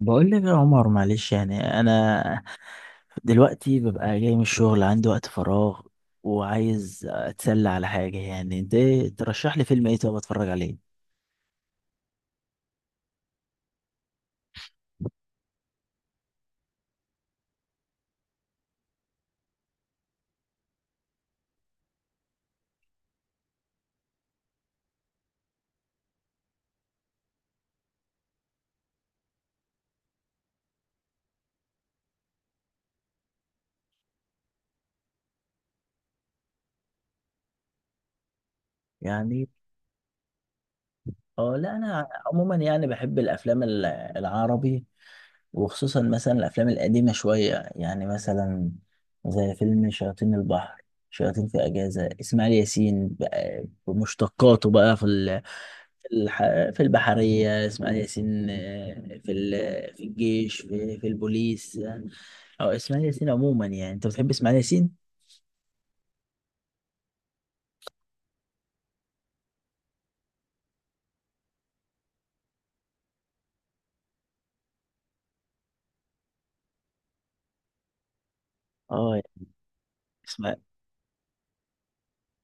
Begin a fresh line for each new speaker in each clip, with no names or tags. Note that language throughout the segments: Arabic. بقول لك يا عمر، معلش. يعني انا دلوقتي ببقى جاي من الشغل، عندي وقت فراغ وعايز اتسلى على حاجه. يعني انت ترشح لي فيلم ايه طب اتفرج عليه؟ يعني اه، لا، انا عموما يعني بحب الافلام العربي، وخصوصا مثلا الافلام القديمه شويه، يعني مثلا زي فيلم شياطين البحر، شياطين في اجازه. اسماعيل ياسين بقى بمشتقاته بقى، في في في البحريه اسماعيل ياسين، في في الجيش، في البوليس، او اسماعيل ياسين عموما. يعني انت بتحب اسماعيل ياسين؟ اه. اسمع.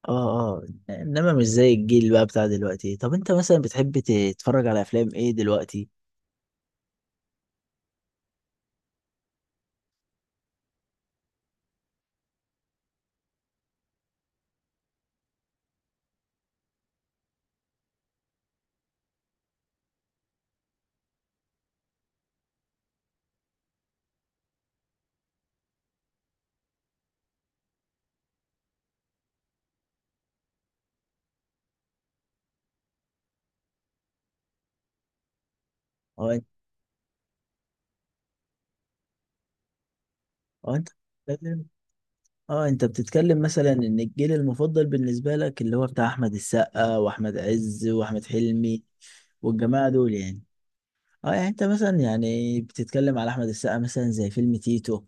اه، اه. انما مش زي الجيل بقى بتاع دلوقتي. طب انت مثلا بتحب تتفرج على افلام ايه دلوقتي؟ اه انت اه انت اه انت بتتكلم مثلا ان الجيل المفضل بالنسبة لك اللي هو بتاع احمد السقا، واحمد عز، واحمد حلمي والجماعة دول يعني. اه. يعني انت مثلا يعني بتتكلم على احمد السقا، مثلا زي فيلم تيتو،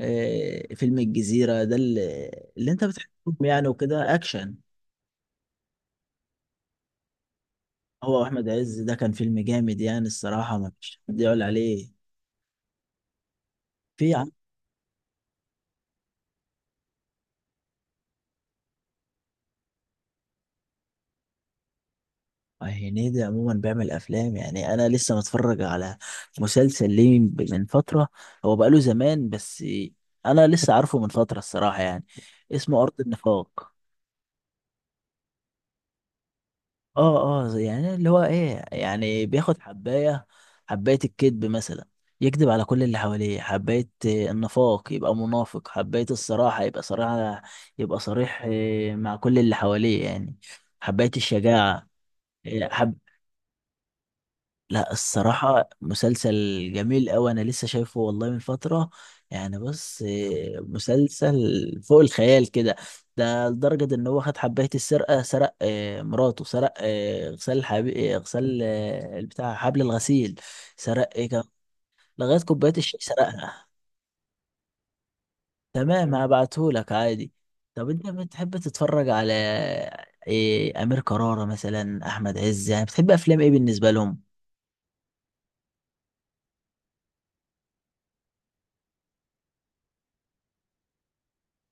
فيلم الجزيرة ده، اللي انت بتحبهم، يعني وكده اكشن. هو واحمد عز ده كان فيلم جامد، يعني الصراحة ما فيش حد يقول عليه. في. هنيدي عموما بيعمل افلام. يعني انا لسه متفرج على مسلسل ليه من فتره، هو بقاله زمان، بس انا لسه عارفه من فتره الصراحه، يعني اسمه ارض النفاق. اه، اه، يعني اللي هو ايه، يعني بياخد حبايه، حبايه الكذب مثلا، يكذب على كل اللي حواليه. حبايه النفاق، يبقى منافق. حبايه الصراحه، يبقى صريح، مع كل اللي حواليه يعني. حبايه الشجاعه. حبيت لا، الصراحة مسلسل جميل أوي، أنا لسه شايفه والله من فترة. يعني بص، مسلسل فوق الخيال كده. ده لدرجة إن هو خد حباية السرقة، سرق مراته، سرق غسال غسال بتاع حبل الغسيل. سرق كان، لغاية كوباية الشاي سرقها. تمام، هبعتهولك عادي. طب أنت بتحب تتفرج على إيه؟ أمير كرارة مثلا، أحمد عز، يعني بتحب أفلام إيه بالنسبة لهم؟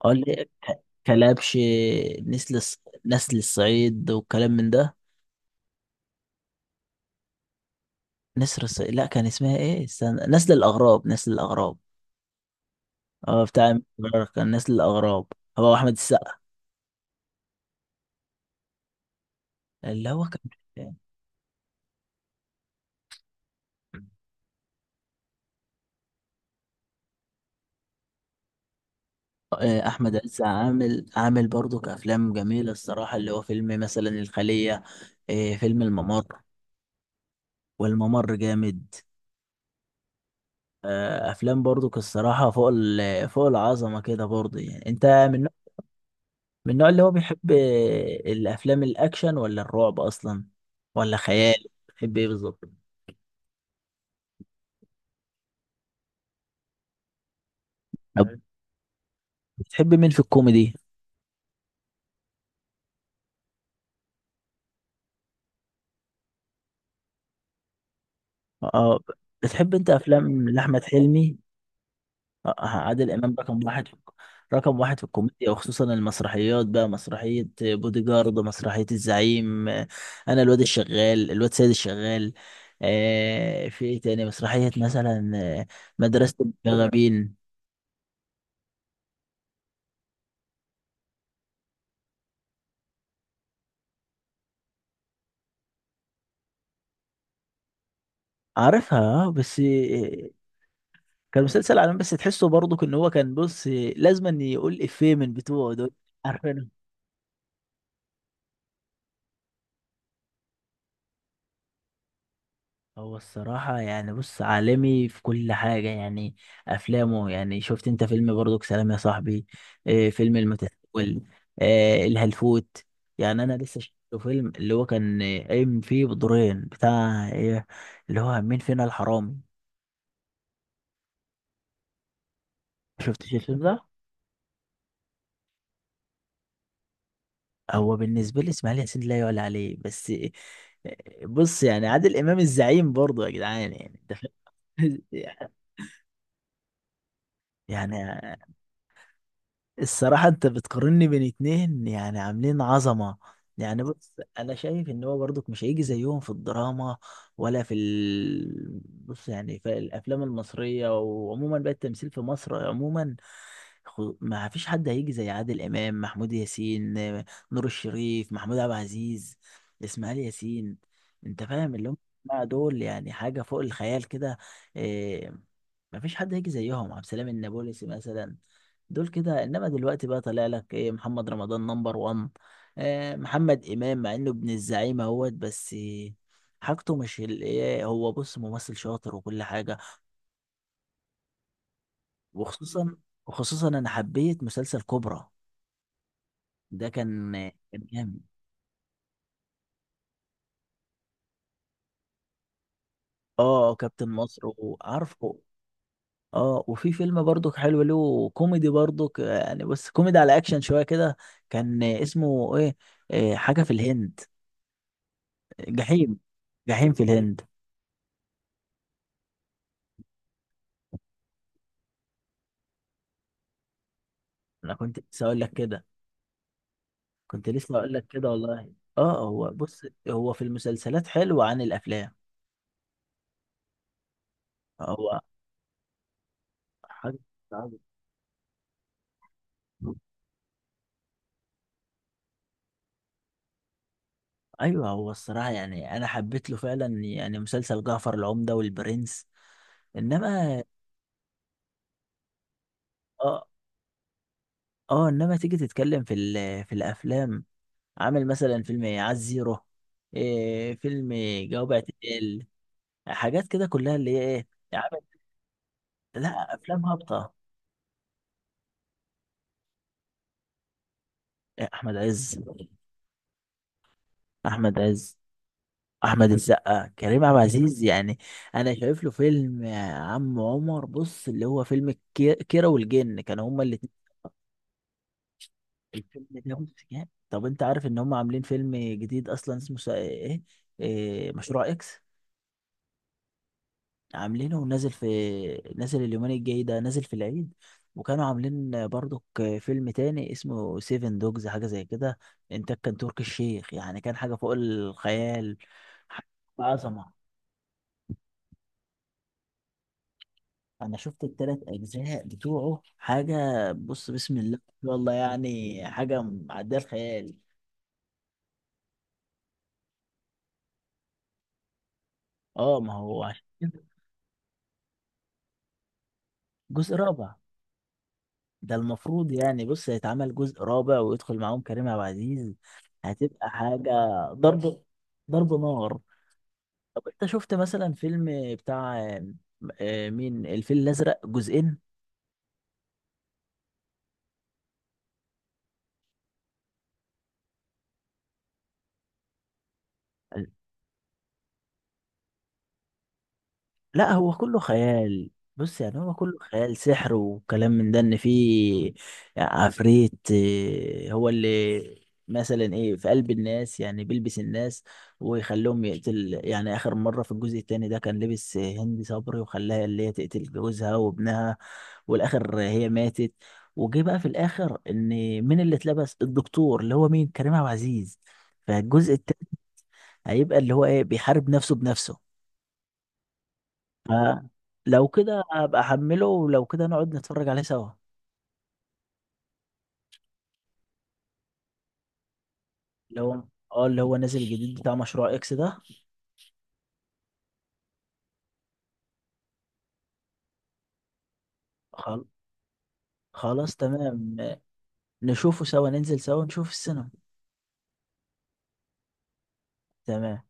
قال لي كلبش، نسل الص- نسل الصعيد وكلام من ده. نسر الصعيد؟ لا، كان اسمها ايه، استنى، نسل الاغراب، نسل الاغراب. اه، بتاع المقرر كان نسل الاغراب. هو احمد السقا. اللي هو كان، آه. آه، احمد عز عامل برضو كافلام جميله الصراحه، اللي هو فيلم مثلا الخليه، فيلم الممر. والممر جامد. آه، افلام برضو الصراحه فوق العظمه كده برضو. يعني انت من النوع اللي هو بيحب الافلام الاكشن ولا الرعب اصلا ولا خيال؟ بتحب ايه بالظبط؟ طب بتحب مين في الكوميدي؟ اه. بتحب انت افلام لاحمد حلمي؟ آه، عادل امام رقم واحد في الكوميديا، وخصوصا المسرحيات بقى، مسرحية بودي جارد، مسرحية الزعيم، انا الواد الشغال، الواد سيد الشغال، آه، في ايه تاني مسرحية مثلا، مدرسة المشاغبين. عارفها، بس. كان مسلسل عالمي، بس تحسه برضه ان هو كان بص، لازما يقول افيه من بتوعه دول. عارفينه. هو الصراحة يعني بص عالمي في كل حاجة، يعني أفلامه. يعني شفت أنت فيلم برضك سلام يا صاحبي، فيلم المتسول، الهلفوت؟ يعني أنا لسه شفت فيلم اللي هو كان، قايم فيه بدورين بتاع اللي هو مين فينا الحرامي. شفتش الفيلم ده؟ هو بالنسبة لي إسماعيل ياسين لا يعلى عليه، بس بص يعني عادل إمام، الزعيم برضه يا جدعان، يعني أنت فاهم؟ يعني الصراحة انت بتقارني بين اتنين يعني عاملين عظمة. يعني بص، انا شايف ان هو برضك مش هيجي زيهم في الدراما، ولا في بص، يعني في الافلام المصرية، وعموما بقى التمثيل في مصر عموما، ما فيش حد هيجي زي عادل امام، محمود ياسين، نور الشريف، محمود عبد العزيز، اسماعيل ياسين. انت فاهم اللي هم دول، يعني حاجة فوق الخيال كده. آه، ما فيش حد هيجي زيهم. عبد السلام النابلسي مثلا، دول كده. انما دلوقتي بقى طالع لك ايه، محمد رمضان نمبر 1. محمد امام مع انه ابن الزعيم اهوت، بس حاجته مش ال- ايه هو بص ممثل شاطر وكل حاجه. وخصوصا وخصوصا انا حبيت مسلسل كوبرا ده. كان جامد. اه كابتن مصر، وعارفه. اه، وفي فيلم برضو حلو له كوميدي برضو، يعني بس كوميدي على اكشن شويه كده، كان اسمه ايه، إيه، حاجه في الهند، جحيم جحيم في الهند. انا كنت لسه اقول لك كده والله. اه، هو بص هو في المسلسلات حلو عن الافلام. هو حاجه صعبة. ايوه، هو الصراحه يعني انا حبيت له فعلا يعني مسلسل جعفر العمده والبرنس، انما اه، اه، انما تيجي تتكلم في الافلام، عامل مثلا فيلم عز زيرو، فيلم جواب اعتقال، حاجات كده كلها اللي هي ايه. عامل. لا، افلام هابطه. احمد عز. احمد عز، احمد السقا، كريم عبد العزيز يعني. انا شايف له فيلم يا عم عمر، بص اللي هو فيلم كيرة والجن، كانوا هما الاتنين. الفيلم ده بص يعني، طب انت عارف ان هما عاملين فيلم جديد اصلا اسمه سا- ايه, إيه مشروع اكس؟ عاملينه ونازل نازل اليومين الجاي ده، نازل في العيد. وكانوا عاملين برضك فيلم تاني اسمه سيفن دوجز، حاجة زي كده، انتاج كان تركي الشيخ، يعني كان حاجة فوق الخيال، حاجة عظمة. انا شفت التلات اجزاء بتوعه، حاجه بص بسم الله ما شاء الله، يعني حاجه معديه الخيال. اه، ما هو عشان كده. جزء رابع. ده المفروض يعني بص هيتعمل جزء رابع ويدخل معاهم كريم عبد العزيز. هتبقى حاجه، ضرب، ضرب نار. طب انت شفت مثلا فيلم بتاع، مين، الفيل الازرق جزئين؟ لا، هو كله خيال. بص يعني هو كله خيال، سحر وكلام من ده، ان في عفريت هو اللي مثلا في قلب الناس، يعني بيلبس الناس ويخليهم يقتل. يعني اخر مرة في الجزء التاني ده كان لبس هند صبري وخلاها اللي هي تقتل جوزها وابنها، والاخر هي ماتت. وجه بقى في الاخر ان مين اللي اتلبس، الدكتور اللي هو مين، كريم عبد العزيز، فالجزء التاني هيبقى اللي هو بيحارب نفسه بنفسه. آه. لو كده ابقى احمله، ولو كده نقعد نتفرج عليه سوا. لو، اللي هو نازل جديد بتاع مشروع اكس ده. خل... خلاص تمام. نشوفه سوا، ننزل سوا نشوف السينما. تمام.